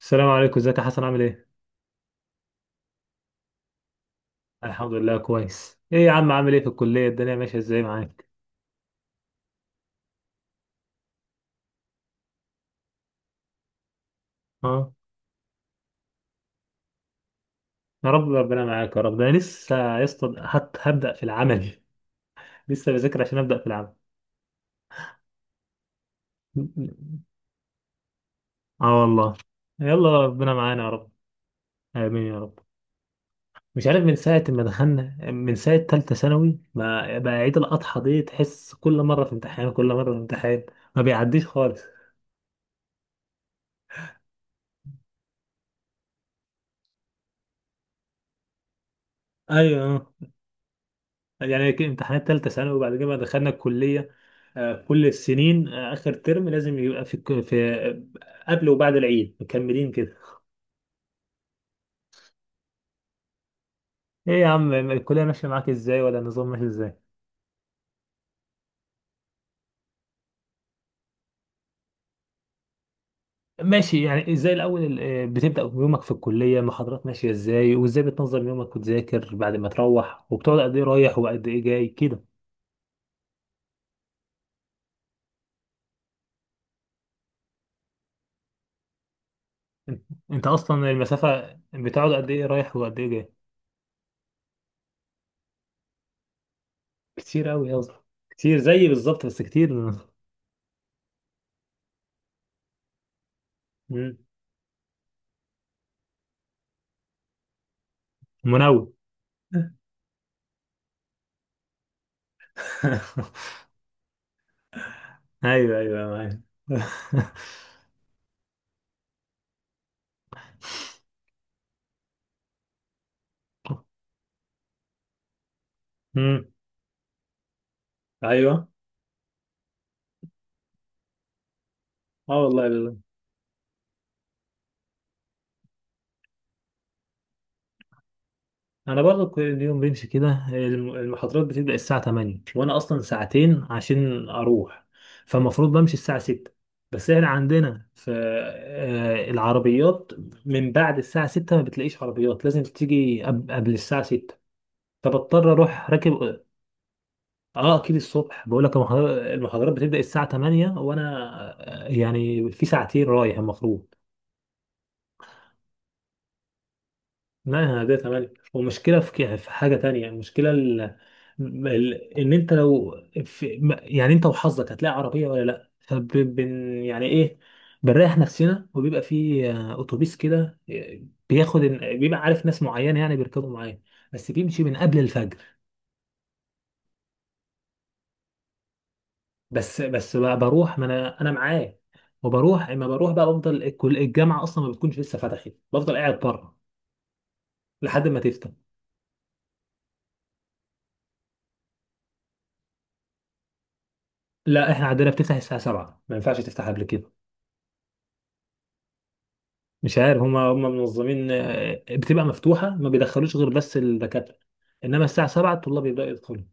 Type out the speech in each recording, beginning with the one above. السلام عليكم، ازيك يا حسن؟ عامل ايه؟ الحمد لله كويس. ايه يا عم، عامل ايه في الكلية؟ الدنيا ماشية ازاي معاك؟ اه، يا رب ربنا معاك يا رب. ده انا لسه يا اسطى هبدأ في العمل. لسه بذاكر عشان أبدأ في العمل. اه والله، يلا ربنا معانا يا رب. آمين يا رب. مش عارف، من ساعة ما دخلنا، من ساعة تالتة ثانوي، ما بقى عيد الأضحى دي تحس كل مرة في امتحان كل مرة في امتحان، ما بيعديش خالص. ايوه، يعني كان امتحانات تالتة ثانوي، وبعد كده بقى دخلنا الكلية. كل السنين آخر ترم لازم يبقى في في قبل وبعد العيد مكملين كده. ايه يا عم، الكلية ماشية معاك ازاي؟ ولا النظام ماشي ازاي؟ ماشي. يعني ازاي الاول بتبدأ يومك في الكلية، محاضرات ماشية ازاي، وازاي بتنظم يومك وتذاكر بعد ما تروح، وبتقعد قد ايه رايح وقد ايه جاي كده؟ انت انت اصلا المسافة بتقعد قد ايه رايح وقد ايه جاي؟ كتير قوي يا اسطى. كتير زيي بالظبط، بس كتير. مم. منوم. ايوه ايوه، معايا. أمم، ايوه. اه والله بالله. انا برضو كل اليوم بمشي كده، المحاضرات بتبدا الساعه 8، وانا اصلا ساعتين عشان اروح، فالمفروض بمشي الساعه 6. بس احنا عندنا في العربيات من بعد الساعه 6 ما بتلاقيش عربيات، لازم تيجي قبل الساعه 6، فبضطر اروح راكب. اه اكيد الصبح، بقول لك المحاضرات بتبدا الساعه 8، وانا يعني في ساعتين رايح المفروض. ما هي ده تمام، ومشكلة في في حاجة تانية. المشكلة ان انت لو في... ما- يعني انت وحظك، هتلاقي عربية ولا لا، يعني ايه، بنريح نفسنا. وبيبقى في اتوبيس كده، بياخد بيبقى عارف ناس معينة يعني بيركبوا معايا، بس بيمشي من قبل الفجر. بس بقى بروح، ما انا معاه. وبروح، اما بروح بقى بفضل الجامعة اصلا ما بتكونش لسه فتحت، بفضل قاعد بره لحد ما تفتح. لا احنا عندنا بتفتح الساعة 7، ما ينفعش تفتح قبل كده. مش عارف، هم منظمين. بتبقى مفتوحه، ما بيدخلوش غير بس الدكاتره، انما الساعه 7 الطلاب يبداوا يدخلوا.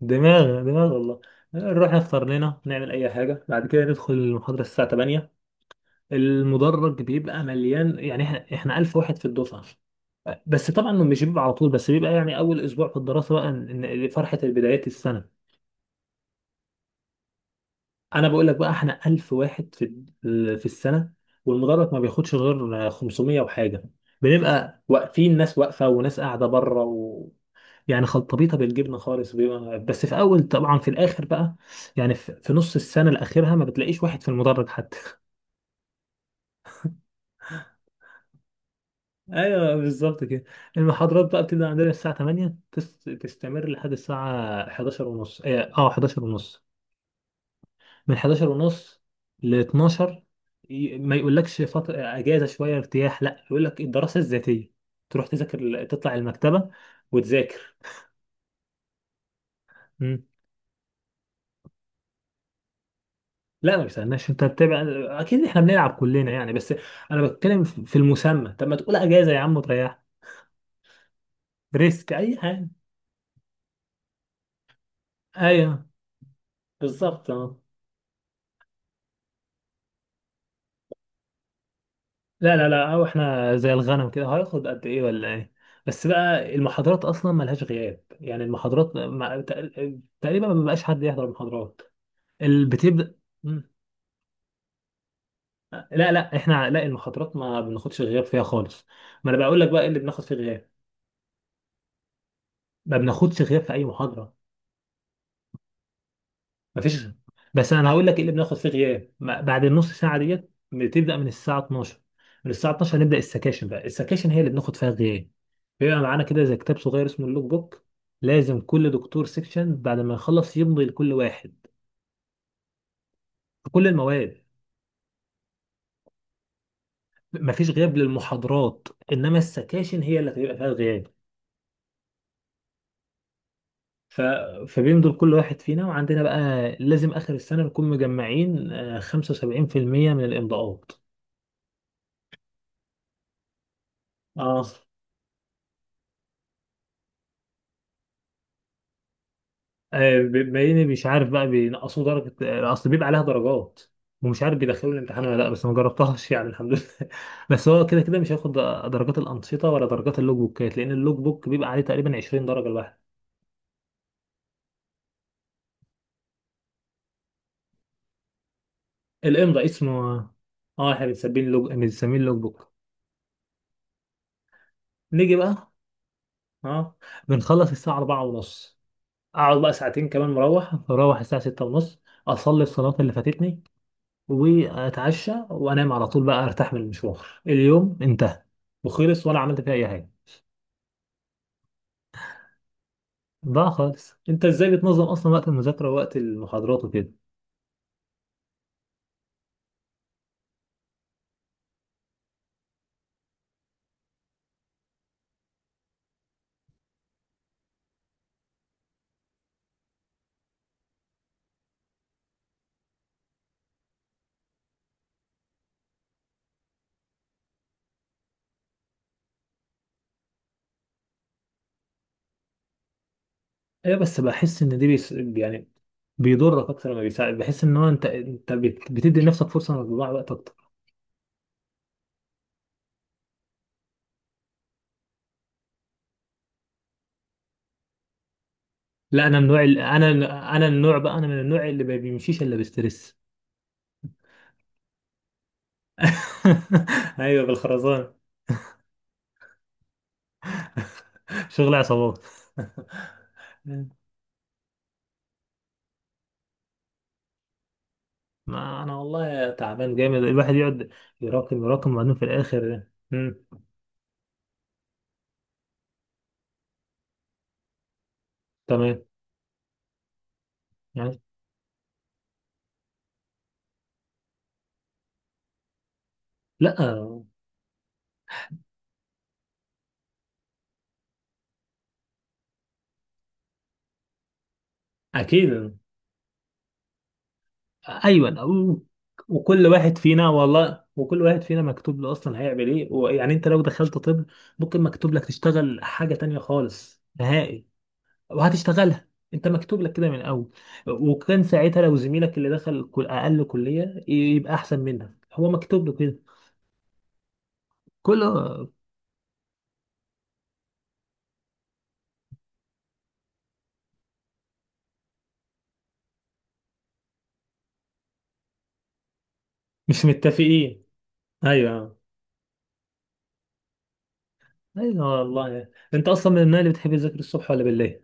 دماغ دماغ والله. نروح نفطر لنا، نعمل اي حاجه، بعد كده ندخل المحاضره الساعه 8. المدرج بيبقى مليان، يعني احنا 1000 واحد في الدفعه. بس طبعا مش بيبقى على طول، بس بيبقى يعني اول اسبوع في الدراسه بقى، إن فرحه بدايات السنه. انا بقول لك بقى، احنا 1000 واحد في السنه، والمدرج ما بياخدش غير 500 وحاجه. بنبقى واقفين، ناس واقفه وناس قاعده بره، و… يعني خلطبيطه بالجبنه خالص. بيبقى بس في اول طبعا، في الاخر بقى يعني في نص السنه الاخيرها ما بتلاقيش واحد في المدرج حتى. ايوه بالظبط كده. المحاضرات بقى بتبدا عندنا الساعه 8، تستمر لحد الساعه 11 ونص. اه 11 ونص، من 11 ونص ل 12. ما يقولكش فترة اجازه شويه ارتياح، لا يقول لك الدراسه الذاتيه، تروح تذاكر، تطلع المكتبه وتذاكر. مم. لا ما بيسالناش، انت بتبقى اكيد، احنا بنلعب كلنا يعني، بس انا بتكلم في المسمى. طب ما تقول اجازه يا عم وتريح. ريسك اي حاجه. ايوه، بالظبط اه. لا لا لا، او احنا زي الغنم كده هياخد قد ايه ولا ايه. بس بقى المحاضرات اصلا ملهاش غياب، يعني المحاضرات تقريبا ما بيبقاش حد يحضر المحاضرات. بتبدا. مم. لا لا، احنا لا، المحاضرات ما بناخدش غياب فيها خالص. ما انا بقول لك بقى، ايه اللي بناخد فيه غياب؟ ما بناخدش غياب في اي محاضره، ما فيش. بس انا هقول لك ايه اللي بناخد فيه غياب. بعد النص ساعه ديت، بتبدا من الساعه 12، من الساعه 12 هنبدا السكاشن بقى. السكاشن هي اللي بناخد فيها غياب. بيبقى معانا كده زي كتاب صغير اسمه اللوك بوك، لازم كل دكتور سيكشن بعد ما يخلص يمضي لكل واحد. في كل المواد. مفيش غياب للمحاضرات، انما السكاشن هي اللي هتبقى فيها الغياب. ف... فبين دول كل واحد فينا، وعندنا بقى لازم آخر السنة نكون مجمعين 75% من الإمضاءات. اه بما إني مش عارف بقى، بينقصوا درجة أصل بيبقى عليها درجات، ومش عارف بيدخلوا الامتحان ولا لا، بس ما جربتهاش يعني الحمد لله. بس هو كده كده مش هياخد درجات الأنشطة ولا درجات اللوج بوكات، لأن اللوج بوك بيبقى عليه تقريبا 20 درجة الواحد. الإمضاء اسمه، اه، احنا بنسميه اللوج بوك. نيجي بقى. اه، بنخلص الساعة 4 ونص، اقعد بقى ساعتين كمان مروح، اروح الساعه 6 ونص، اصلي الصلاه اللي فاتتني، واتعشى وانام على طول بقى، ارتاح من المشوار، اليوم انتهى وخلص ولا عملت فيه اي حاجه. ضاع خالص. انت ازاي بتنظم اصلا وقت المذاكره ووقت المحاضرات وكده؟ ايوه، بس بحس ان دي يعني بيضرك اكتر ما بيساعد. بحس ان هو انت، بتدي لنفسك فرصه انك تضيع وقت اكتر. لا انا من النوع، انا النوع بقى، انا من النوع اللي ما بيمشيش الا بستريس. ايوه، بالخرزانه. شغل عصابات. ما انا والله تعبان جامد، الواحد يقعد يراكم يراكم وبعدين في الاخر. مم. تمام. يعني. لا. اكيد. ايوه أو- وكل واحد فينا والله، وكل واحد فينا مكتوب له اصلا هيعمل ايه. ويعني انت لو دخلت طب، ممكن مكتوب لك تشتغل حاجه تانية خالص نهائي، وهتشتغلها. انت مكتوب لك كده من الاول. وكان ساعتها لو زميلك اللي دخل اقل كليه يبقى احسن منك، هو مكتوب له كده. كله. مش متفقين. ايوه. ايوه والله. انت اصلا من النوع اللي بتحب تذاكر الصبح ولا بالليل؟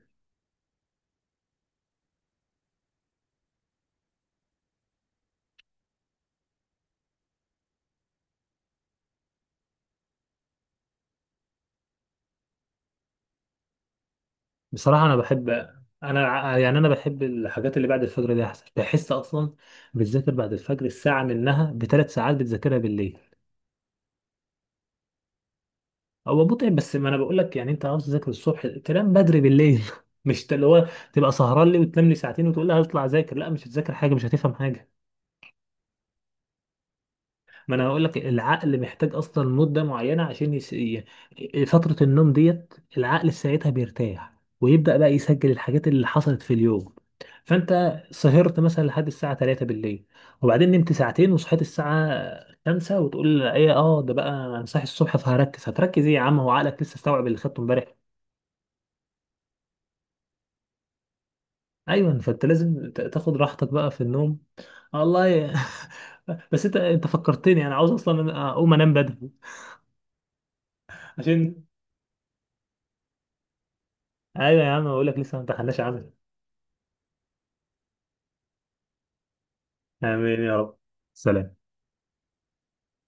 بصراحه انا بحب، انا يعني انا بحب الحاجات اللي بعد الفجر دي احسن، بحس اصلا بتذاكر بعد الفجر الساعه منها بثلاث ساعات بتذاكرها بالليل. هو متعب، بس ما انا بقول لك يعني، انت عاوز تذاكر الصبح تنام بدري بالليل. مش اللي هو تبقى سهران لي وتنام لي ساعتين وتقول لي هطلع اذاكر، لا مش هتذاكر حاجه، مش هتفهم حاجه. ما انا هقول لك، العقل محتاج اصلا مده معينه عشان فتره النوم ديت العقل ساعتها بيرتاح، ويبدا بقى يسجل الحاجات اللي حصلت في اليوم. فانت سهرت مثلا لحد الساعه 3 بالليل، وبعدين نمت ساعتين وصحيت الساعه 5، وتقول ايه، اه ده بقى انا صاحي الصبح فهركز، هتركز ايه يا عم، هو عقلك لسه استوعب اللي خدته امبارح. ايوه، فانت لازم تاخد راحتك بقى في النوم، والله. بس انت فكرتني، انا عاوز اصلا اقوم انام بدري عشان. ايوه يا عم، بقول لك لسه ما امتحناش عنها. امين يا رب، سلام.